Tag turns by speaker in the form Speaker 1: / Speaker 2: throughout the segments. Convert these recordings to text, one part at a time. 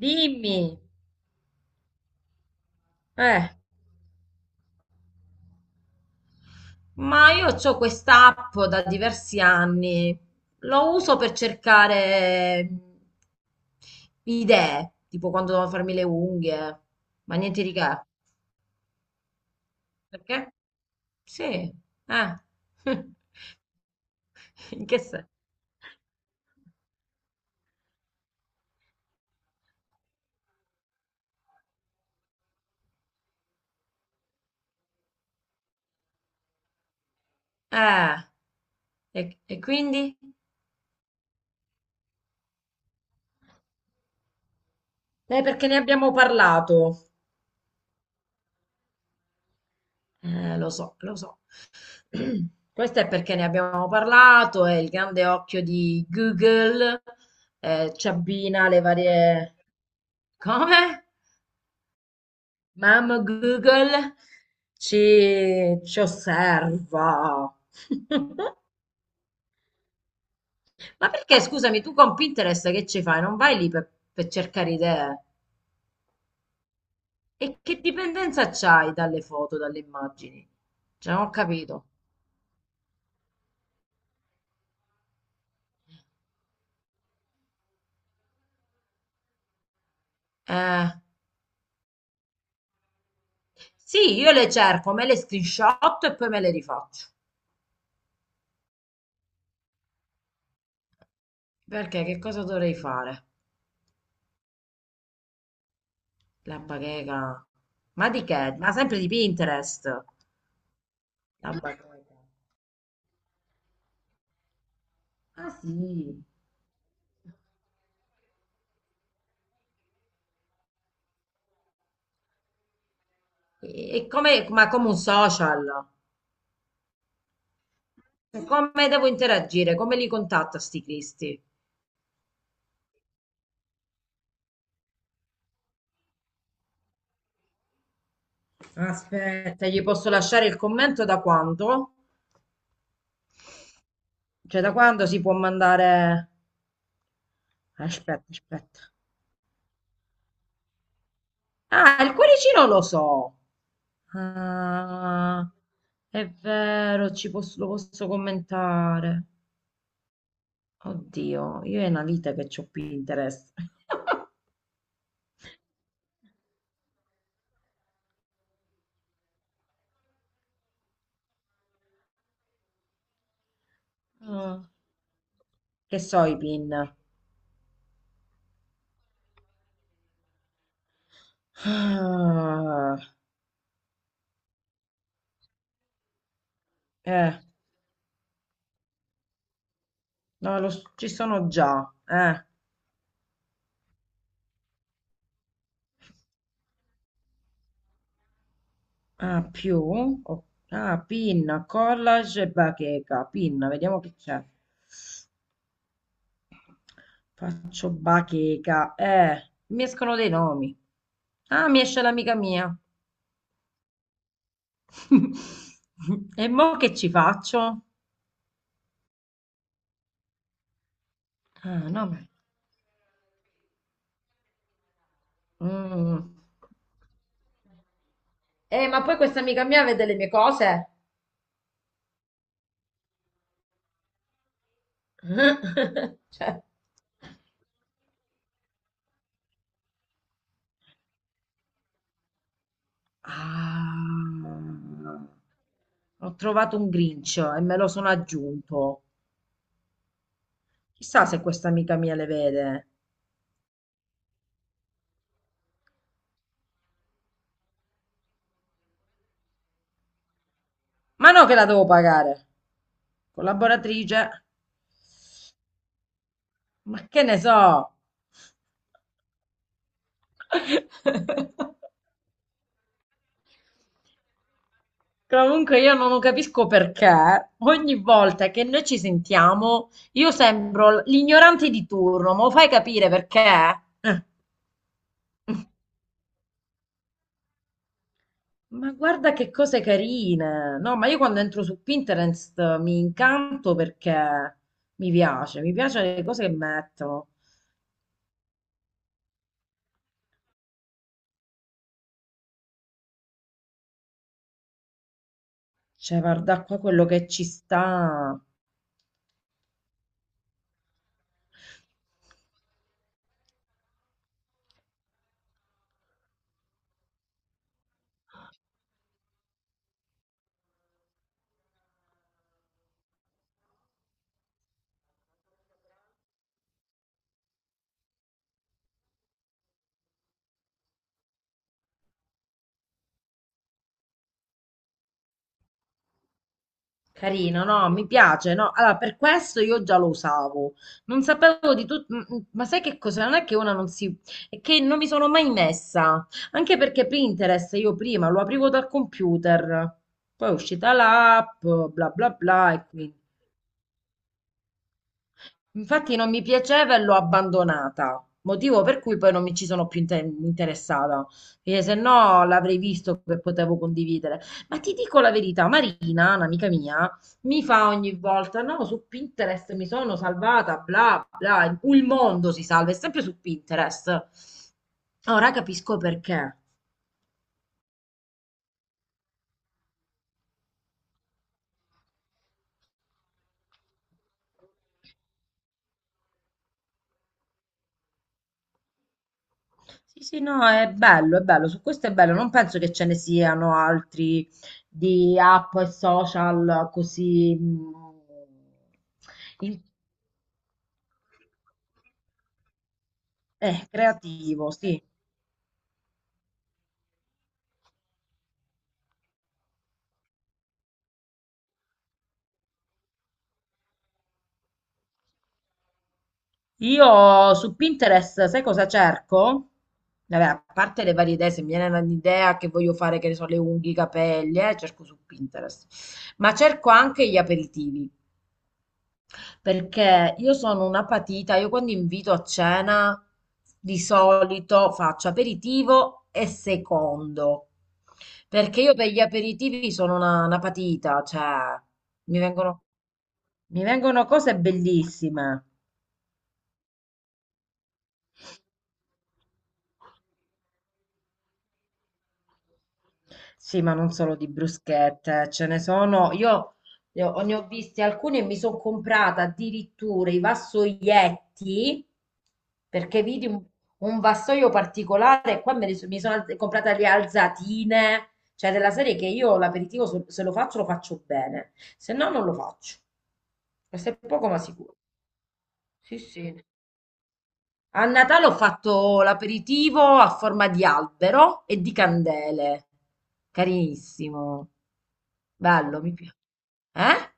Speaker 1: Dimmi, eh, Ma io ho quest'app da diversi anni, lo uso per cercare idee, tipo quando devo farmi le unghie, ma niente di che. Perché? Sì, eh. In che senso? Eh, e quindi? Perché ne abbiamo parlato. Lo so, lo so. Questo è perché ne abbiamo parlato e il grande occhio di Google ci abbina le varie. Come? Mamma Google ci osserva. Ma perché, scusami, tu con Pinterest che ci fai? Non vai lì per cercare idee? E che dipendenza c'hai dalle foto, dalle immagini? Cioè, non ho capito. Eh, sì, io le cerco, me le screenshot e poi me le rifaccio. Perché che cosa dovrei fare? La bacheca. Ma di che? Ma sempre di Pinterest. La bacheca. Ah sì. E come, ma come un social. Cioè, come devo interagire? Come li contatto a sti cristi? Aspetta. Se gli posso lasciare il commento da quando? Cioè, da quando si può mandare. Aspetta, aspetta. Ah, il cuoricino lo so. Ah, è vero, ci posso, lo posso commentare. Oddio, io è una vita che c'ho Pinterest. Ah, che so i pin? Ah, eh, no, ci sono già. Ah, più. o- ah, pin, collage e bacheca. Pin, vediamo che c'è. Faccio bacheca. Mi escono dei nomi. Ah, mi esce l'amica mia. E mo che ci faccio? Ah, no, ma. Mm. Ma poi questa amica mia vede le mie cose. Cioè, ah, ho trovato un grincio e me lo sono aggiunto. Chissà se questa amica mia le vede. Ma no che la devo pagare. Collaboratrice. Ma che ne so? Comunque io non capisco perché ogni volta che noi ci sentiamo io sembro l'ignorante di turno, ma lo fai capire perché? Eh, Ma guarda che cose carine! No, ma io quando entro su Pinterest mi incanto perché mi piace, mi piacciono le cose che mettono. Cioè, guarda qua quello che ci sta. Carino, no, mi piace, no. Allora, per questo io già lo usavo. Non sapevo di tutto, ma sai che cosa? Non è che una non si. È che non mi sono mai messa. Anche perché Pinterest io prima lo aprivo dal computer, poi è uscita l'app, bla bla bla, e quindi. Infatti non mi piaceva e l'ho abbandonata, motivo per cui poi non mi ci sono più interessata, perché se no l'avrei visto che potevo condividere. Ma ti dico la verità, Marina, un'amica mia, mi fa ogni volta, no, su Pinterest mi sono salvata, bla bla, il mondo si salva, è sempre su Pinterest. Ora capisco perché. Sì, sì, no, è bello, su questo è bello, non penso che ce ne siano altri di app e social così in- creativo, sì. Io su Pinterest, sai cosa cerco? Vabbè, a parte le varie idee, se mi viene un'idea che voglio fare, che ne so, le unghie, i capelli, cerco su Pinterest, ma cerco anche gli aperitivi. Perché io sono una patita, io quando invito a cena di solito faccio aperitivo e secondo, perché io per gli aperitivi sono una patita, cioè mi vengono, mi vengono cose bellissime. Sì, ma non solo di bruschette, ce ne sono. Io ne ho viste alcune e mi sono comprata addirittura i vassoietti perché vidi un vassoio particolare e qua me ne so- mi sono alz- comprata le alzatine, cioè della serie che io l'aperitivo se lo faccio lo faccio bene, se no non lo faccio. Questo è poco ma sicuro. Sì, sì. A Natale ho fatto l'aperitivo a forma di albero e di candele. Carinissimo. Bello, mi piace. Eh?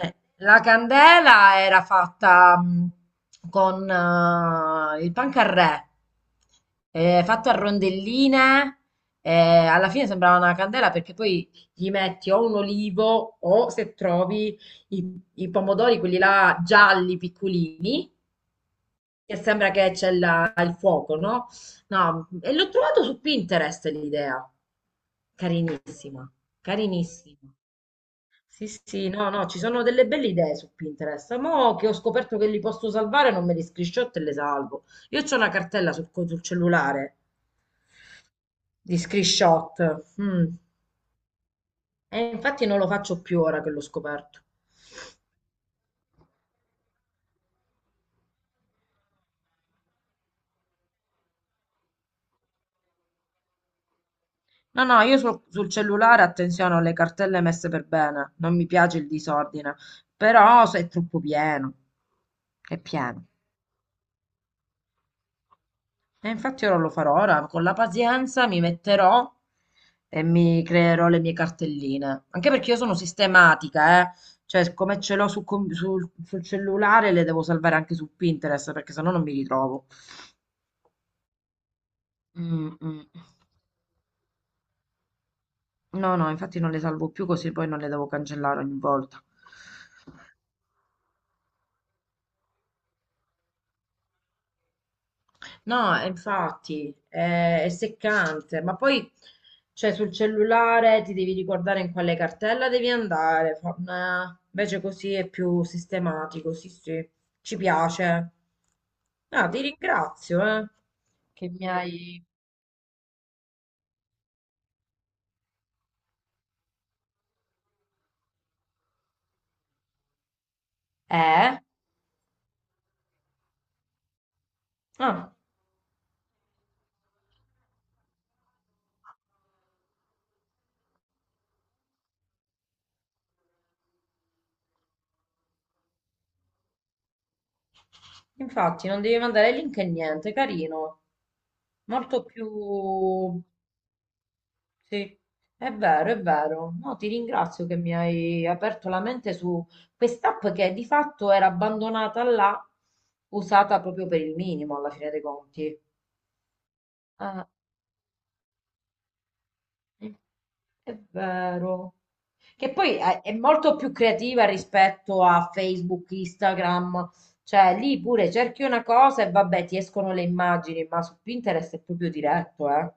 Speaker 1: La candela era fatta con il pancarré, fatto a rondelline, eh, alla fine sembrava una candela perché poi gli metti o un olivo o se trovi i pomodori, quelli là gialli piccolini, che sembra che c'è il fuoco, no? No, e l'ho trovato su Pinterest l'idea. Carinissima, carinissima. Sì, sì, no, no, ci sono delle belle idee su Pinterest. Mo' che ho scoperto che li posso salvare, non me li screenshot e le salvo. Io c'ho una cartella sul cellulare di screenshot. mm, E infatti non lo faccio più ora che l'ho scoperto. No, no, io sul cellulare attenzione, ho le cartelle messe per bene. Non mi piace il disordine, però se è troppo pieno. È pieno. E infatti ora lo farò, ora con la pazienza mi metterò e mi creerò le mie cartelline. Anche perché io sono sistematica, eh. Cioè, come ce l'ho su sul cellulare, le devo salvare anche su Pinterest, perché sennò non mi ritrovo. Mm, mm. No, no, infatti non le salvo più così poi non le devo cancellare ogni volta. No, infatti è seccante, ma poi cioè, sul cellulare ti devi ricordare in quale cartella devi andare. Nah, invece così è più sistematico, sì, sì, ci piace. Ah, ti ringrazio, che mi hai. Eh? Ah, infatti non devi mandare link e niente, carino, molto più. Sì, è vero, è vero. No, ti ringrazio che mi hai aperto la mente su quest'app che di fatto era abbandonata là, usata proprio per il minimo alla fine dei conti. Ah, è vero. Che poi è molto più creativa rispetto a Facebook, Instagram. Cioè, lì pure cerchi una cosa e vabbè, ti escono le immagini, ma su Pinterest è proprio diretto, eh.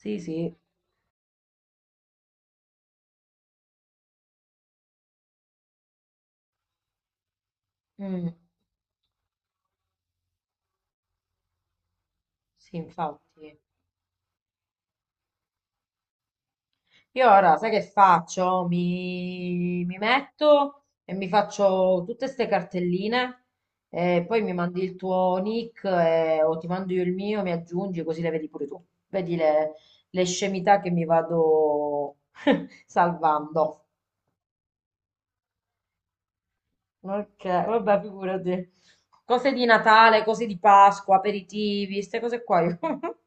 Speaker 1: Sì, sì. Mm, sì, infatti. Io ora, sai che faccio? Mi metto e mi faccio tutte queste cartelline e poi mi mandi il tuo nick o ti mando io il mio, mi aggiungi così le vedi pure tu. Vedi le scemità che mi vado salvando. Ok, vabbè, figurati. Cose di Natale, cose di Pasqua, aperitivi, queste cose qua.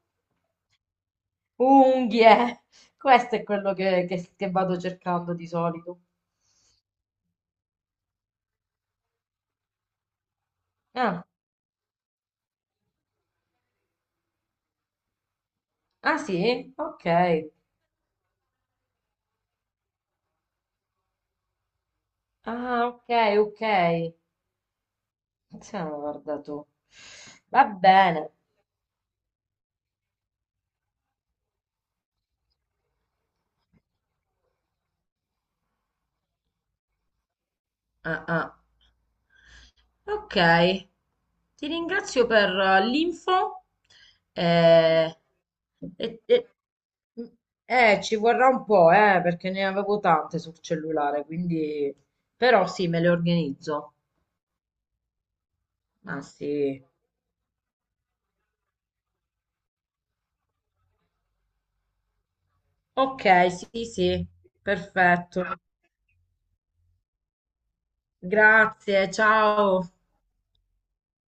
Speaker 1: Unghie. Questo è quello che vado cercando di solito. Ah. Ah sì? Ok. Ah, ok, ok. Siamo, guarda tu. Va bene. Ah, ah. Ok, ti ringrazio per l'info. Eh, e- e- Ci vorrà un po', perché ne avevo tante sul cellulare, quindi. Però sì, me le organizzo. Ah sì. Ok, sì, sì, perfetto. Grazie, ciao.